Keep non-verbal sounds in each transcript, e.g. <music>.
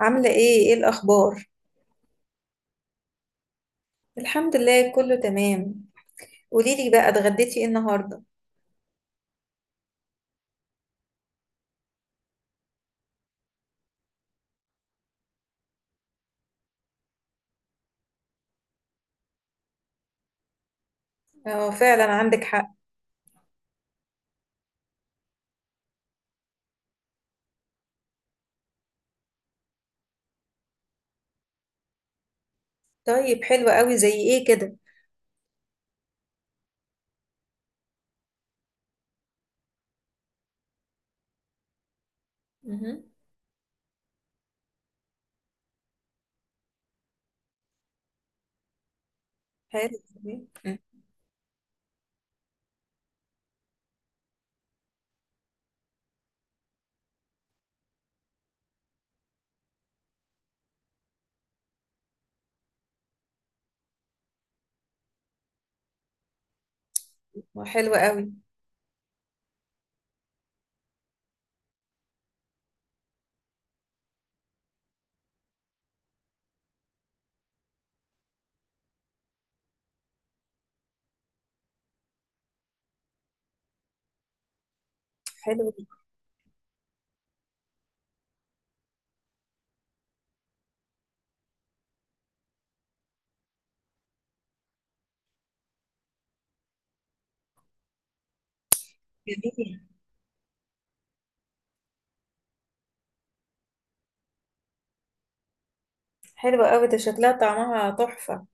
عاملة ايه الأخبار؟ الحمد لله كله تمام. قوليلي بقى اتغديتي ايه النهاردة؟ اه فعلا عندك حق. طيب حلو قوي، زي ايه كده؟ مهم. حلو. مم. حلو قوي. حلو. جميل. حلو قوي، ده شكلها طعمها تحفة.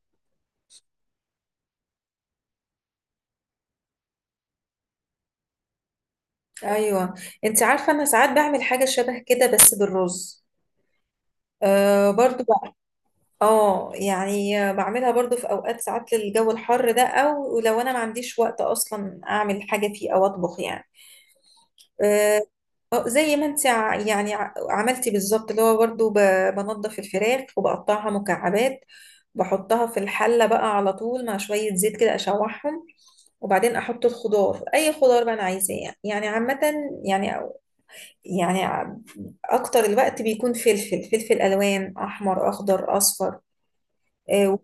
ايوه، انت عارفة انا ساعات بعمل حاجة شبه كده بس بالرز، آه برضو بقى. اه، يعني بعملها برضو في اوقات، ساعات للجو الحر ده، او لو انا ما عنديش وقت اصلا اعمل حاجة فيه او اطبخ يعني. آه، اه، زي ما انت عملتي بالظبط، اللي هو برضه بنضف الفراخ وبقطعها مكعبات، بحطها في الحلة بقى على طول مع شوية زيت كده اشوحهم، وبعدين احط الخضار اي خضار بقى انا عايزاه، يعني عامة، يعني يعني ع- اكتر الوقت بيكون فلفل الوان، احمر اخضر اصفر، آه،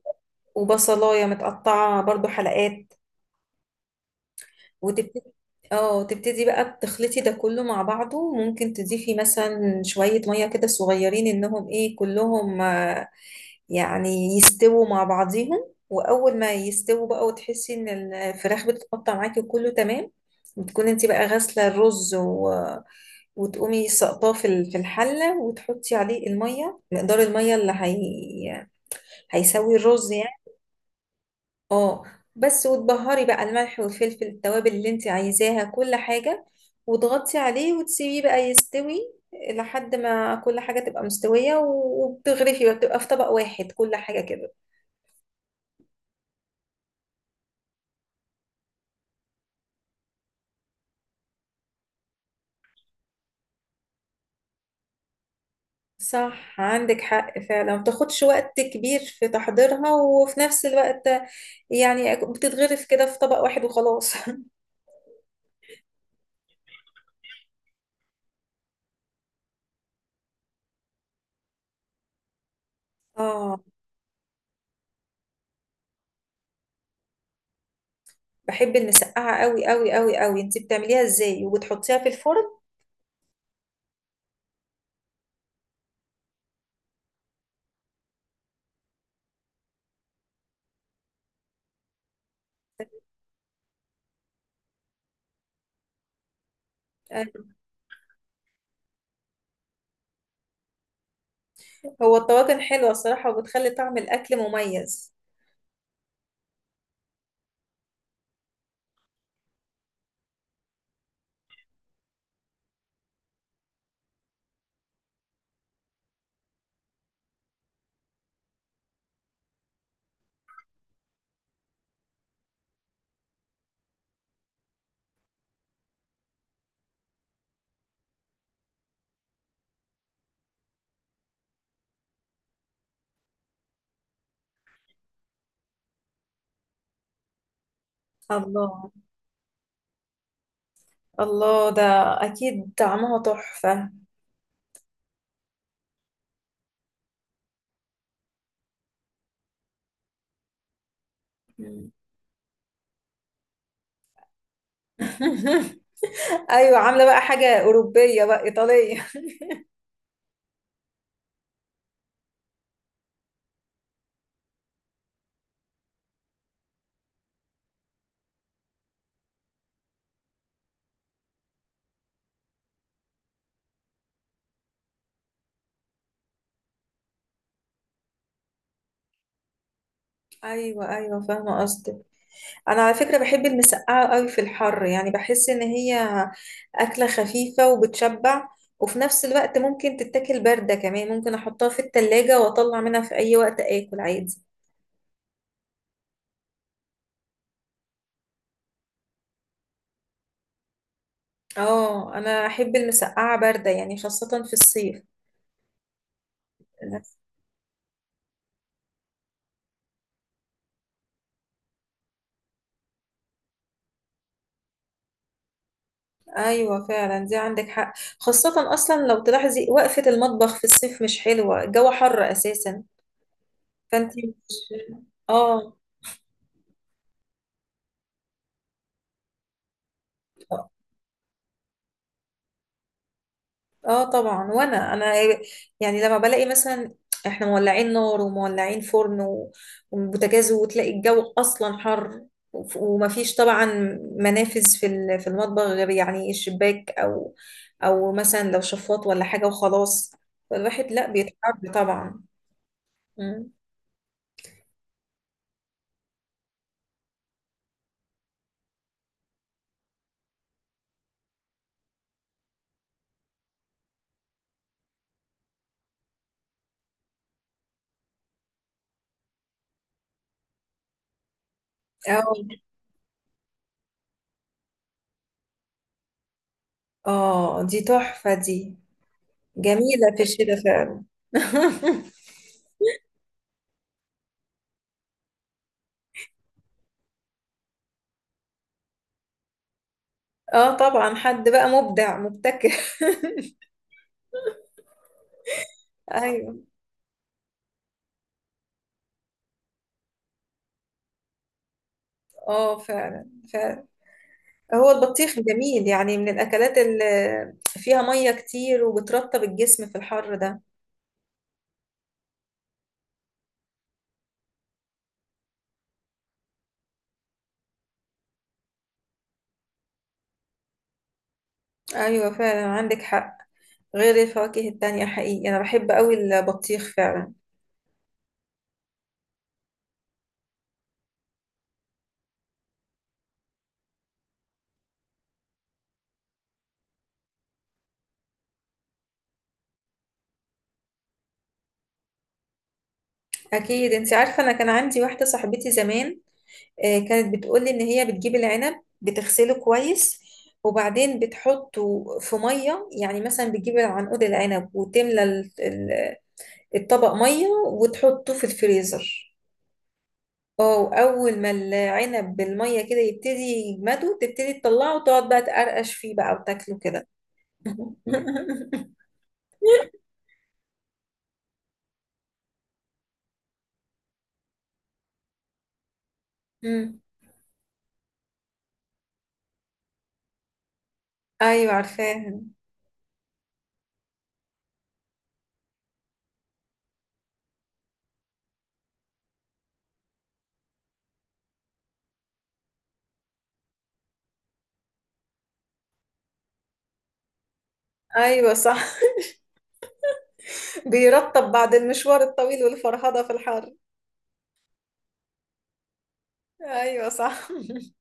وبصلاية متقطعة برضو حلقات، وتبتدي، اه تبتدي بقى بتخلطي ده كله مع بعضه، ممكن تضيفي مثلا شوية مية كده صغيرين انهم ايه كلهم، يعني يستووا مع بعضيهم، واول ما يستووا بقى وتحسي ان الفراخ بتتقطع معاكي وكله تمام، بتكون انت بقى غاسلة الرز وتقومي سقطاه في في الحلة، وتحطي عليه المية، مقدار المية اللي هي... هيسوي الرز يعني. اه بس، وتبهري بقى الملح والفلفل، التوابل اللي انت عايزاها كل حاجة، وتغطي عليه وتسيبيه بقى يستوي لحد ما كل حاجة تبقى مستوية، وبتغرفي بقى، بتبقى في طبق واحد كل حاجة كده. صح عندك حق فعلا، ما بتاخدش وقت كبير في تحضيرها، وفي نفس الوقت يعني بتتغرف كده في طبق واحد وخلاص. <laughs> اه، بحب المسقعة قوي قوي قوي قوي، انت بتعمليها ازاي وبتحطيها في الفرن؟ هو الطواجن حلوة الصراحة، وبتخلي طعم الأكل مميز. الله، الله، ده أكيد طعمها تحفة. مم. <laughs> أيوة، عاملة بقى حاجة أوروبية بقى، إيطالية. <laughs> أيوة أيوة، فاهمة قصدك. أنا على فكرة بحب المسقعة أوي في الحر، يعني بحس إن هي أكلة خفيفة وبتشبع، وفي نفس الوقت ممكن تتاكل باردة كمان، ممكن أحطها في التلاجة وأطلع منها في أي وقت آكل عادي. اه انا احب المسقعه بارده يعني، خاصه في الصيف. ايوه فعلا، دي عندك حق. خاصة اصلا لو تلاحظي وقفة المطبخ في الصيف مش حلوة، الجو حر اساسا، فانت مش. اه. اه طبعا، وانا يعني لما بلاقي مثلا احنا مولعين نار ومولعين فرن وبوتاجاز، وتلاقي الجو اصلا حر، ومفيش طبعا منافذ في في المطبخ غير يعني الشباك او او مثلا لو شفاط ولا حاجة وخلاص، فالواحد لا بيتعب طبعا. مم. اه. اه دي تحفة دي، جميلة في الشتاء فعلا. <laughs> اه طبعا، حد بقى مبدع مبتكر. <laughs> ايوه. اه فعلا فعلا، هو البطيخ جميل، يعني من الاكلات اللي فيها ميه كتير وبترطب الجسم في الحر ده. ايوه فعلا عندك حق، غير الفواكه التانية، حقيقي انا بحب قوي البطيخ فعلا. اكيد، انت عارفة انا كان عندي واحدة صاحبتي زمان، كانت بتقولي إن هي بتجيب العنب بتغسله كويس، وبعدين بتحطه في مية، يعني مثلا بتجيب عنقود العنب وتملى الطبق مية وتحطه في الفريزر. اه، وأول ما العنب بالمية كده يبتدي يجمده تبتدي تطلعه، وتقعد بقى تقرقش فيه بقى وتاكله كده. <laughs> مم. أيوة عارفاها. أيوة صح. <laughs> بيرطب بعد المشوار الطويل والفرهدة في الحر. أيوة صح. <laughs>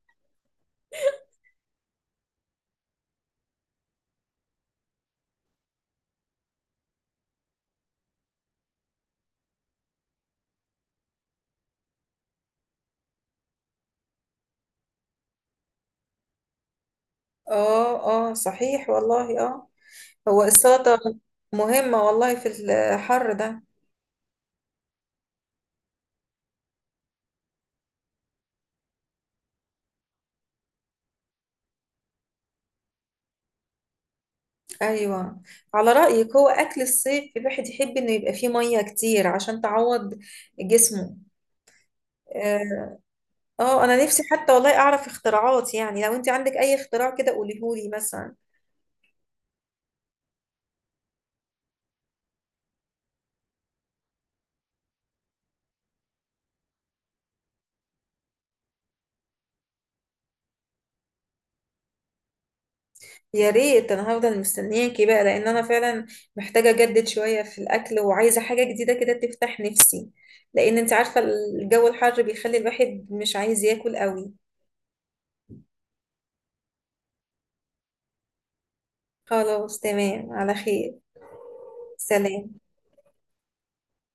اه. اه صحيح والله، اه هو السلطة مهمة والله في الحر ده. ايوه، على رأيك هو اكل الصيف الواحد يحب انه يبقى فيه مية كتير عشان تعوض جسمه. اه، انا نفسي حتى والله اعرف اختراعات، يعني لو انت عندك اي اختراع كده قوليهولي مثلا. يا ريت، انا هفضل مستنياكي بقى، لان انا فعلا محتاجة اجدد شوية في الاكل، وعايزة حاجة جديدة كده تفتح نفسي، لان انت عارفة الجو الحر بيخلي الواحد مش عايز ياكل قوي. خلاص تمام، على خير. سلام.